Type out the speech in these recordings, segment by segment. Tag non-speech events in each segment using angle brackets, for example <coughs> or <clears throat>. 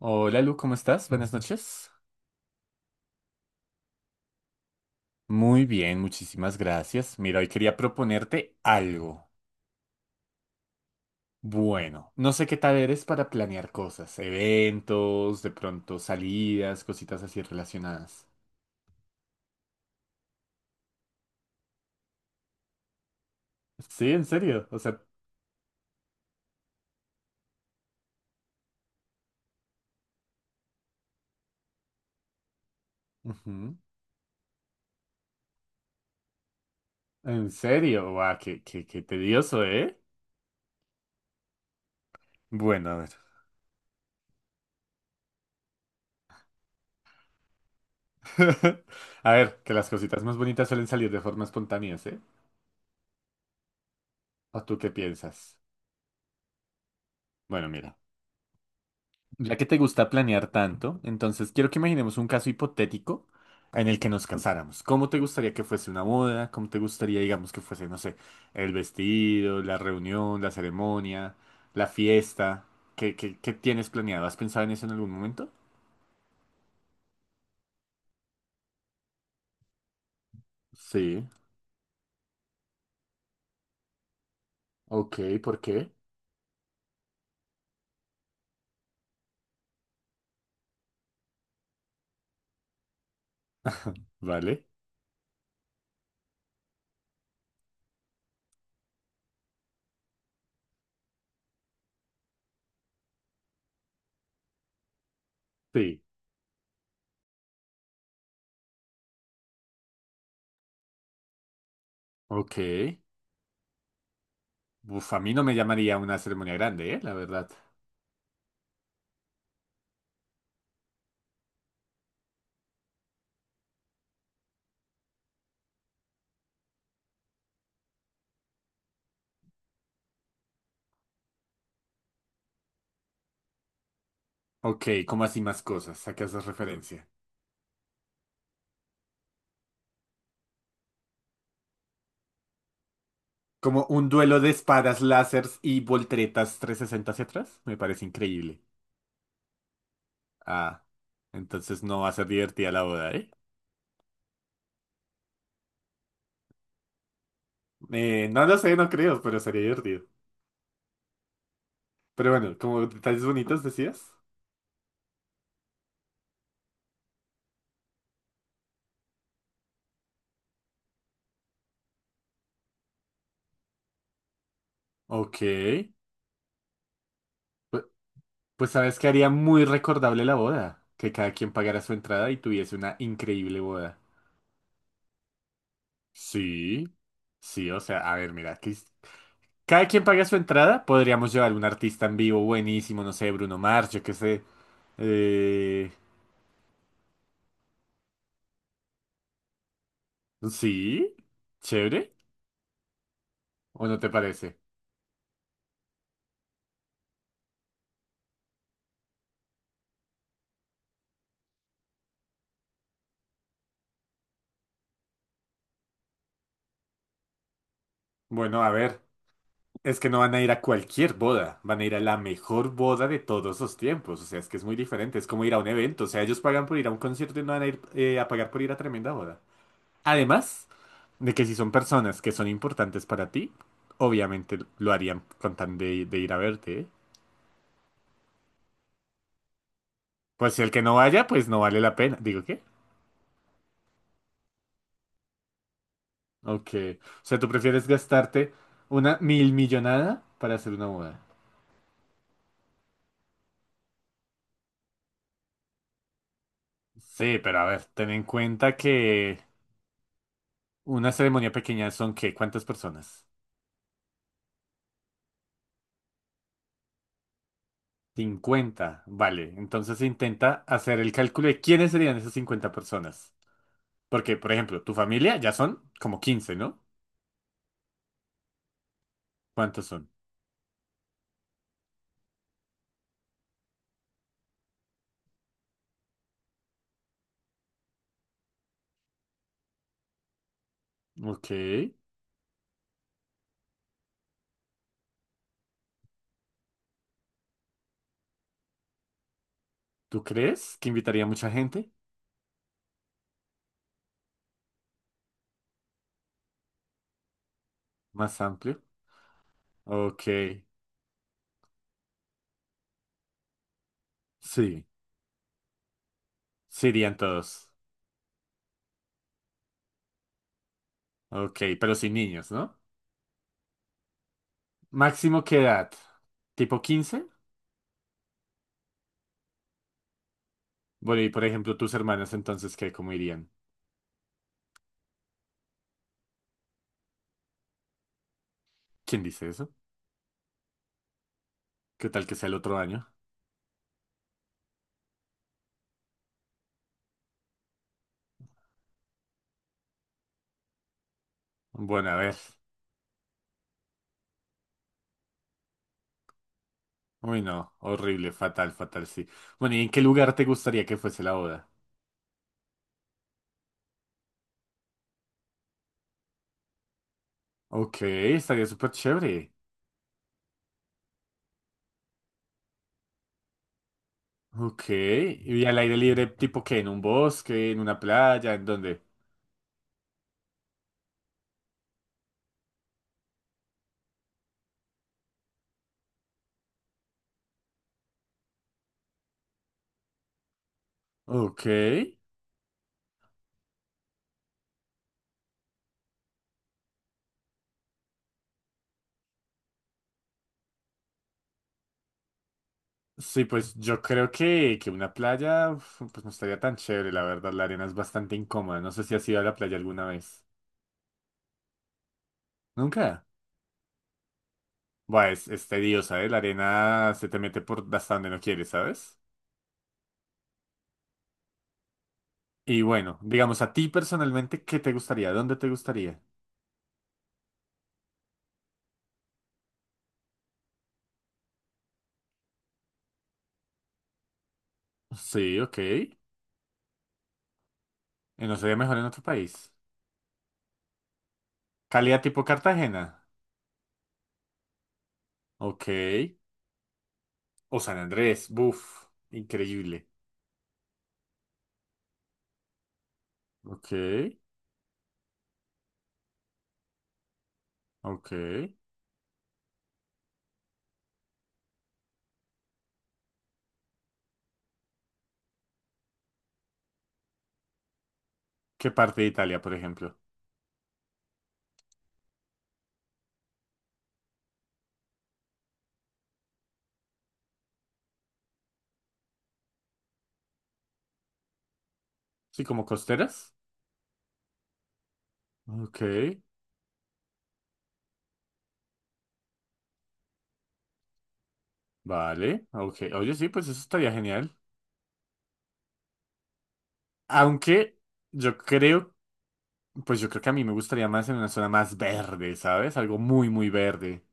Hola Lu, ¿cómo estás? Buenas noches. Muy bien, muchísimas gracias. Mira, hoy quería proponerte algo. Bueno, no sé qué tal eres para planear cosas, eventos, de pronto salidas, cositas así relacionadas. Sí, en serio, o sea, ujú. En serio, guau, qué tedioso, ¿eh? Bueno, a ver. <laughs> A ver, que las cositas más bonitas suelen salir de forma espontánea, ¿eh? ¿O tú qué piensas? Bueno, mira. Ya que te gusta planear tanto, entonces quiero que imaginemos un caso hipotético en el que nos casáramos. ¿Cómo te gustaría que fuese una boda? ¿Cómo te gustaría, digamos, que fuese, no sé, el vestido, la reunión, la ceremonia, la fiesta? ¿Qué tienes planeado? ¿Has pensado en eso en algún momento? Sí. Ok, ¿por qué? Vale. Sí. Ok. Uf, a mí no me llamaría una ceremonia grande, ¿eh? La verdad. Ok, ¿cómo así más cosas? ¿A qué haces referencia? Como un duelo de espadas, lásers y volteretas 360 hacia atrás. Me parece increíble. Ah, entonces no va a ser divertida la boda, ¿eh? No lo sé, no creo, pero sería divertido. Pero bueno, como detalles bonitos decías. Ok. Pu- Pues, sabes que haría muy recordable la boda. Que cada quien pagara su entrada y tuviese una increíble boda. Sí. Sí, o sea, a ver, mira, que cada quien paga su entrada, podríamos llevar un artista en vivo buenísimo, no sé, Bruno Mars, yo qué sé. Eh, Sí, chévere, ¿o no te parece? Bueno, a ver, es que no van a ir a cualquier boda, van a ir a la mejor boda de todos los tiempos, o sea, es que es muy diferente, es como ir a un evento, o sea, ellos pagan por ir a un concierto y no van a ir a pagar por ir a tremenda boda. Además de que si son personas que son importantes para ti, obviamente lo harían con tan de ir a verte, ¿eh? Pues si el que no vaya, pues no vale la pena, digo, ¿qué? Ok, o sea, ¿tú prefieres gastarte una mil millonada para hacer una boda? Sí, pero a ver, ten en cuenta que una ceremonia pequeña son ¿qué? ¿Cuántas personas? 50, vale. Entonces intenta hacer el cálculo de quiénes serían esas 50 personas. Porque, por ejemplo, tu familia ya son como 15, ¿no? ¿Cuántos son? Ok. ¿Tú crees que invitaría mucha gente? Más amplio. Ok. Sí. Sí irían todos. Ok, pero sin niños, ¿no? Máximo qué edad. ¿Tipo 15? Bueno, y por ejemplo, tus hermanas entonces, ¿qué? ¿Cómo irían? ¿Quién dice eso? ¿Qué tal que sea el otro año? Bueno, a ver. Uy, no, horrible, fatal, fatal, sí. Bueno, ¿y en qué lugar te gustaría que fuese la boda? Ok, estaría súper chévere. Ok, ¿y al aire libre tipo qué? ¿En un bosque? ¿En una playa? ¿En dónde? Ok, sí, pues yo creo que, una playa uf, pues no estaría tan chévere, la verdad, la arena es bastante incómoda. No sé si has ido a la playa alguna vez. ¿Nunca? Buah, es tediosa, ¿eh? La arena se te mete por hasta donde no quieres, ¿sabes? Y bueno, digamos, a ti personalmente, ¿qué te gustaría? ¿Dónde te gustaría? Sí, ok. ¿Y no sería mejor en otro país? Calidad tipo Cartagena. Ok. O San Andrés. Buf. Increíble. Ok. Ok. ¿Qué parte de Italia, por ejemplo? Sí, como costeras. Ok. Vale. Ok. Oye, sí, pues eso estaría genial. Aunque yo creo, pues yo creo que a mí me gustaría más en una zona más verde, ¿sabes? Algo muy, muy verde.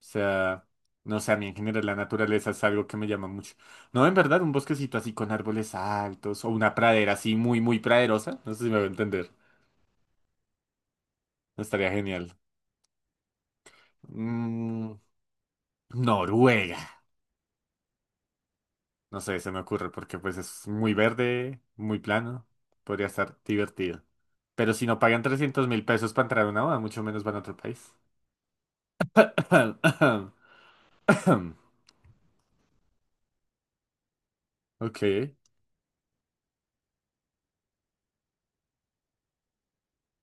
O sea, no sé, a mí en general la naturaleza es algo que me llama mucho. No, en verdad, un bosquecito así con árboles altos o una pradera así muy, muy praderosa. No sé si me va a entender. Estaría genial. Mm, Noruega. No sé, se me ocurre porque pues es muy verde, muy plano. Podría estar divertido. Pero si no pagan 300.000 pesos para entrar a una boda, mucho menos van a otro país. <coughs> <clears throat> Ok,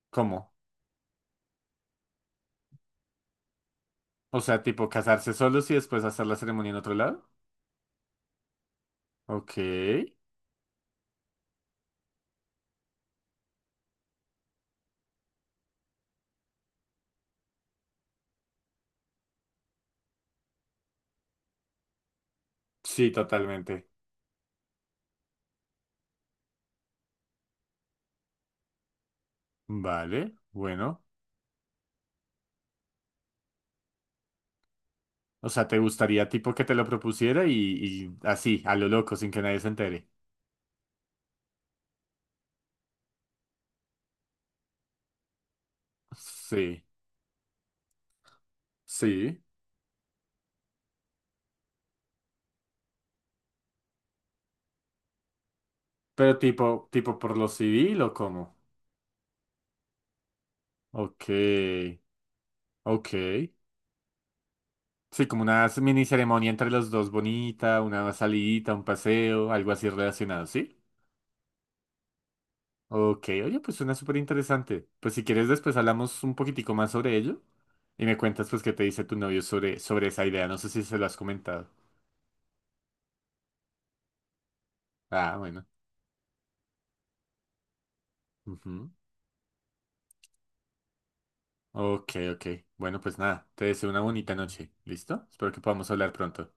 ¿cómo? O sea, tipo casarse solos y después hacer la ceremonia en otro lado. Ok. Sí, totalmente. Vale, bueno. O sea, ¿te gustaría tipo que te lo propusiera y así, a lo loco, sin que nadie se entere? Sí, sí. Pero tipo por lo civil o cómo? Ok, ok. Sí, como una mini ceremonia entre los dos bonita, una salidita, un paseo, algo así relacionado, ¿sí? Ok, oye, pues suena súper interesante. Pues si quieres después hablamos un poquitico más sobre ello y me cuentas pues qué te dice tu novio sobre, esa idea. No sé si se lo has comentado. Ah, bueno. Ujú. Ok, ok. Bueno, pues nada, te deseo una bonita noche. ¿Listo? Espero que podamos hablar pronto.